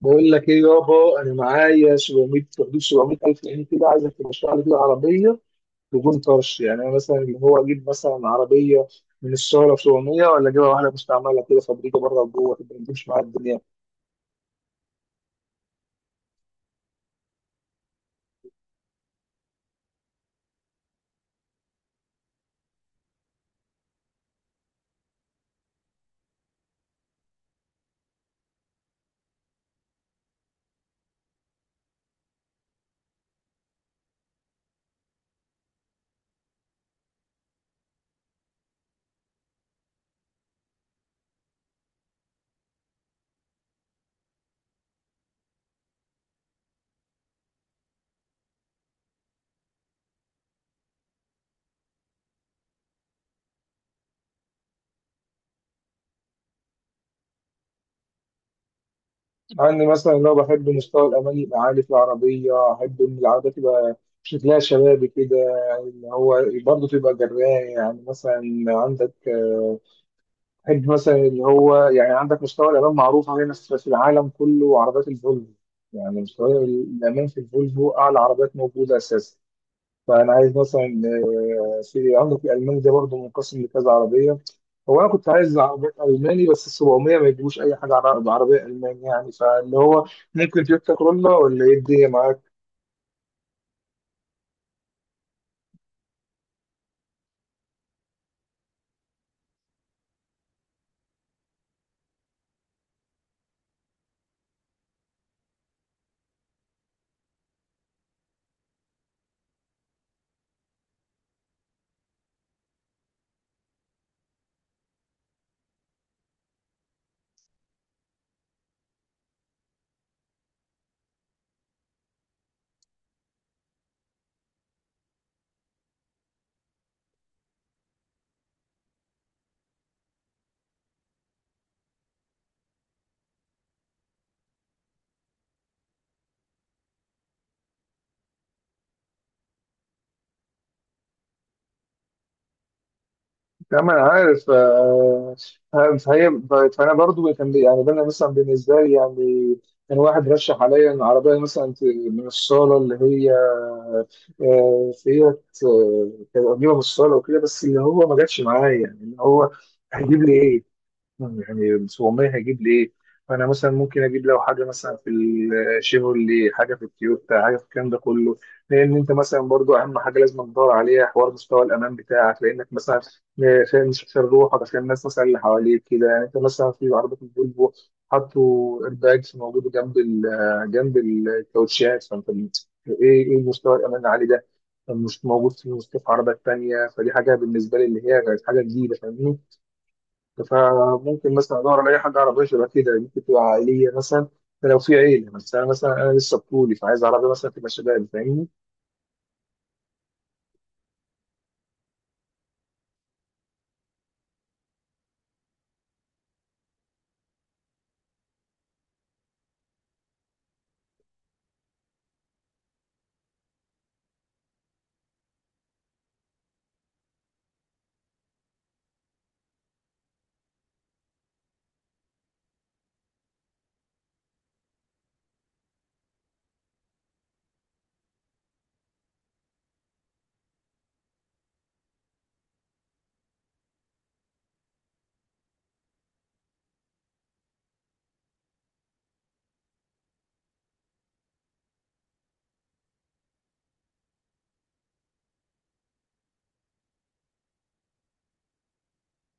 بقول لك ايه يابا، انا معايا 700، في حدود 700000 جنيه كده. عايزك ترشح لي كده عربيه بدون طرش. يعني انا مثلا اللي هو اجيب مثلا عربيه من الشهرة ب 700، ولا اجيبها واحده مستعمله كده فابريكه بره وجوه تبقى بتمشي معايا الدنيا. مع اني مثلا لو بحب مستوى الامان يبقى عالي في العربيه، احب ان العربيه تبقى شكلها شبابي كده، اللي هو برضه تبقى جراية. يعني مثلا عندك، بحب مثلا اللي هو يعني عندك مستوى الأمان معروف علينا في العالم كله، عربيات الفولفو. يعني مستوى الأمان في الفولفو أعلى عربيات موجودة أساسا. فأنا عايز مثلا، في عندك الألماني ده برضه منقسم لكذا عربية. هو أنا كنت عايز عربية ألماني، بس ال 700 ما يجيبوش أي حاجة بعربية ألماني. يعني فاللي هو ممكن تويوتا كرولا، ولا إيه الدنيا معاك؟ لا، ما انا عارف. فهي، فانا برضو كان يعني انا مثلا بالنسبه لي، يعني كان واحد رشح عليا ان عربيه مثلا من الصاله، اللي هي فيها، كانت قريبه من الصاله وكده، بس اللي هو ما جاتش معايا. يعني اللي هو هيجيب لي ايه؟ يعني بس والله هجيب ليه. فانا مثلا ممكن اجيب لو حاجه مثلا في الشيفرولي، حاجه في التويوتا، حاجه في الكلام ده كله. لان انت مثلا برضو اهم حاجه لازم تدور عليها حوار مستوى الامان بتاعك، لانك مثلا عشان مش عشان روحك، عشان الناس مثلا اللي حواليك كده. يعني انت مثلا في عربيه الفولفو حطوا ايرباجز موجوده جنب جنب الكاوتشات. فانت ايه، ايه مستوى الامان العالي ده؟ مش موجود في مستوى عربيات تانيه. فدي حاجه بالنسبه لي، اللي هي كانت حاجه جديده فاهمني. فممكن مثلا ادور على اي حاجه عربيه شبه كده، ممكن تبقى عائليه مثلا لو في عيله. بس انا مثلا لسه بطولي، فعايز عربيه مثلا تبقى شباب فاهمني.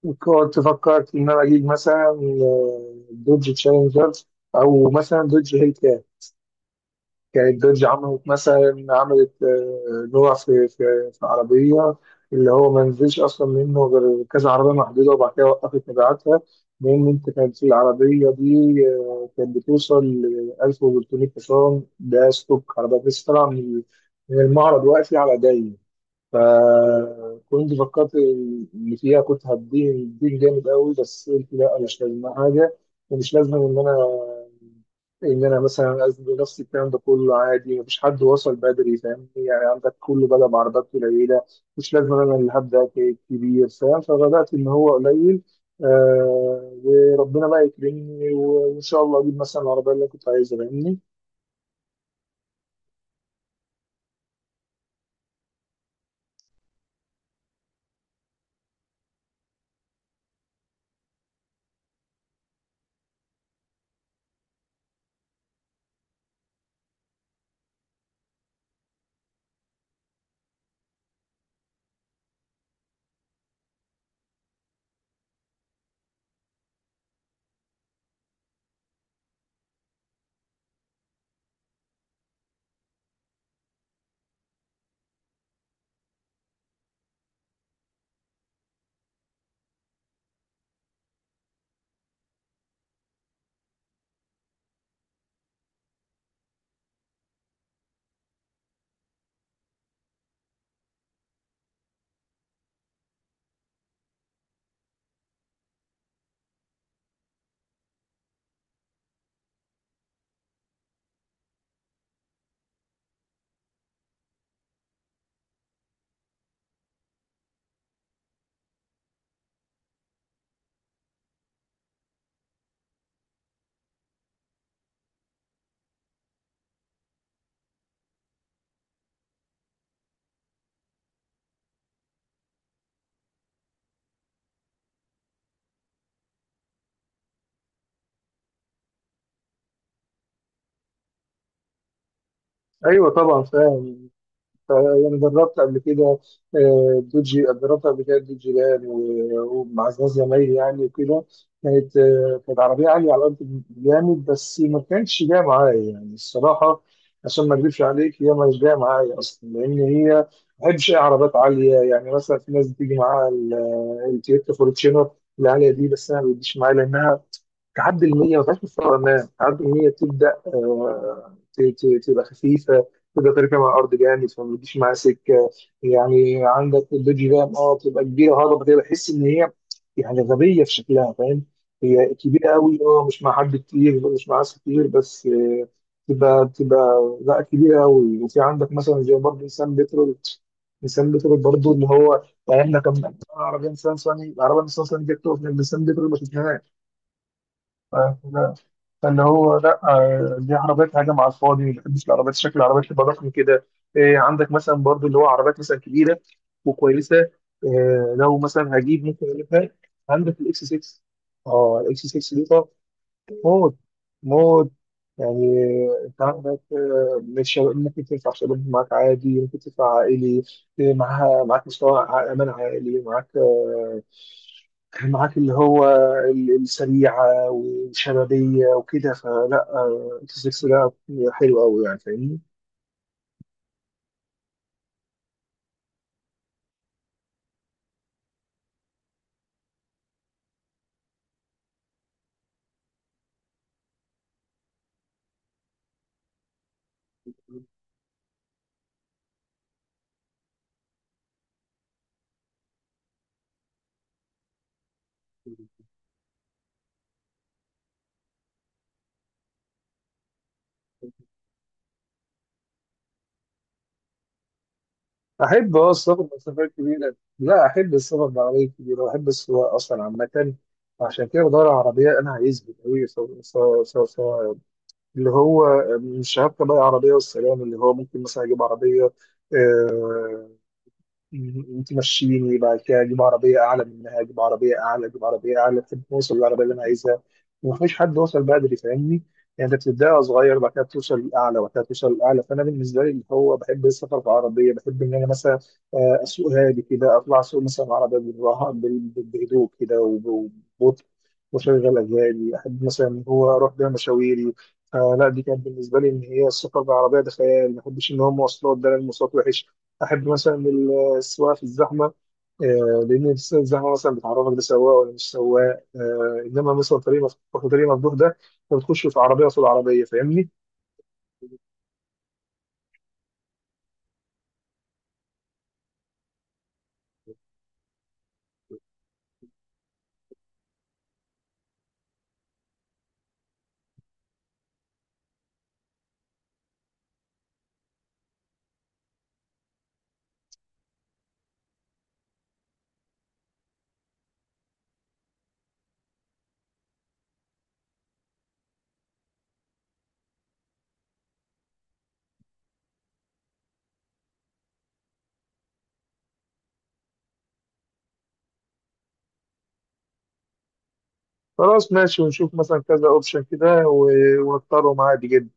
وكنت فكرت ان انا اجيب مثلا، دوج تشالنجر، او مثلا دوج هيل. كانت دوج عملت مثلا عملت، نوع في عربية اللي هو ما نزلش أصلا منه غير كذا عربية محدودة، وبعد كده وقفت مبيعاتها. لأن أنت كانت في العربية دي، كانت بتوصل ل 1300 حصان، ده ستوك عربية بس طالعة من المعرض واقفة على دايم. فكنت فكرت إن فيها كنت هديه الدين جامد قوي، بس قلت لا مش لازم حاجة، ومش لازم إن أنا ان انا مثلا ازنق نفسي الكلام ده كله. عادي، مفيش حد وصل بدري فاهمني. يعني عندك كله بدأ بعربيات قليله، مش لازم انا اللي هبدأ كبير فاهم. فبدأت ان هو قليل، وربنا بقى يكرمني وان شاء الله اجيب مثلا العربيه اللي أنا كنت عايزها فاهمني. ايوه طبعا فاهم. يعني جربت قبل كده، دوجي، جربت قبل كده دوجي لان ومع ناس زمايلي يعني وكده. كانت عربية عالية على الأرض جامد، بس ما كانتش جاية معايا يعني الصراحة. عشان ما أكذبش عليك، هي مش جاية معايا أصلا، لأن هي ما بحبش أي عربيات عالية. يعني مثلا في ناس بتيجي معاها التويوتا فورتشينر العالية دي، بس أنا ما بتجيش معايا لأنها تعدي ال 100 ما تبقاش مستوى امام. تعدي ال 100 تبدا، تبقى خفيفه، تبدا تركب على الارض جامد، فما بتجيش معاها سكه. يعني عندك البيج رام، بتبقى كبيره هضبه، بتبقى بحس ان هي يعني غبيه في شكلها فاهم. هي كبيره قوي، مش مع حد كتير، مش مع ناس كتير، بس تبقى لا كبيره قوي. وفي عندك مثلا زي برضه انسان بترول. انسان بترول برضه ان هو يعني، احنا كان عربيه انسان صني، العربيه انسان صني جت تقف جنب انسان بترول ما شفناهاش. فاللي هو لا، دي عربيات هجم على الفاضي. ما بحبش العربيات شكل العربيات تبقى ضخم كده. إيه، عندك مثلا برضو اللي هو عربيات مثلا كبيره وكويسه إيه. لو مثلا هجيب، ممكن اجيب لك عندك الاكس 6. اه الاكس 6 دي طب، موت موت. يعني انت عندك، مش ممكن تدفع شباب معاك عادي، ممكن تدفع عائلي إيه. معاها معاك مستوى امان عائلي، معاك كان معاك اللي هو السريعة وشبابية وكده. فلا، انت 6 ده حلو قوي يعني فاهمني. أحب السفر مسافات كبيرة، لا أحب السفر بعربية كبيرة، وأحب السواقة أصلا عامة. عشان كده بدور على عربية أنا هيثبت أوي سواء. اللي هو، مش هبقى بقى عربية والسلام، اللي هو ممكن مثلا أجيب عربية، آه، انت مشيني، بعد كده اجيب عربيه اعلى منها، اجيب عربيه اعلى، اجيب عربيه اعلى لحد ما اوصل للعربيه اللي انا عايزها. ومفيش حد وصل بدري فاهمني. يعني انت بتبدا صغير، بعد كده توصل للاعلى، وبعد كده توصل للاعلى. فانا بالنسبه لي اللي هو بحب السفر بعربيه، بحب ان انا مثلا، اسوق هادي كده، اطلع اسوق مثلا عربيه بالراحه بهدوء كده وببطء، واشغل اغاني، احب مثلا ان هو اروح بيها مشاويري. فلا دي كانت بالنسبه لي ان هي السفر بالعربيه ده خيال. ما بحبش ان هو مواصلات ده، لأن المواصلات وحش. احب مثلا السواقه في الزحمه، لان لسه الزحمه مثلا بتعرفك ده سواق ولا مش سواق. انما مثلا طريق مفتوح، وطريق مفتوح ده انت بتخش في عربيه قصاد عربيه فاهمني. خلاص ماشي، ونشوف مثلا كذا اوبشن كده ونختاره معادي جدا.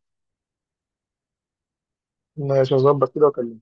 ماشي، هظبط كده واكلمك.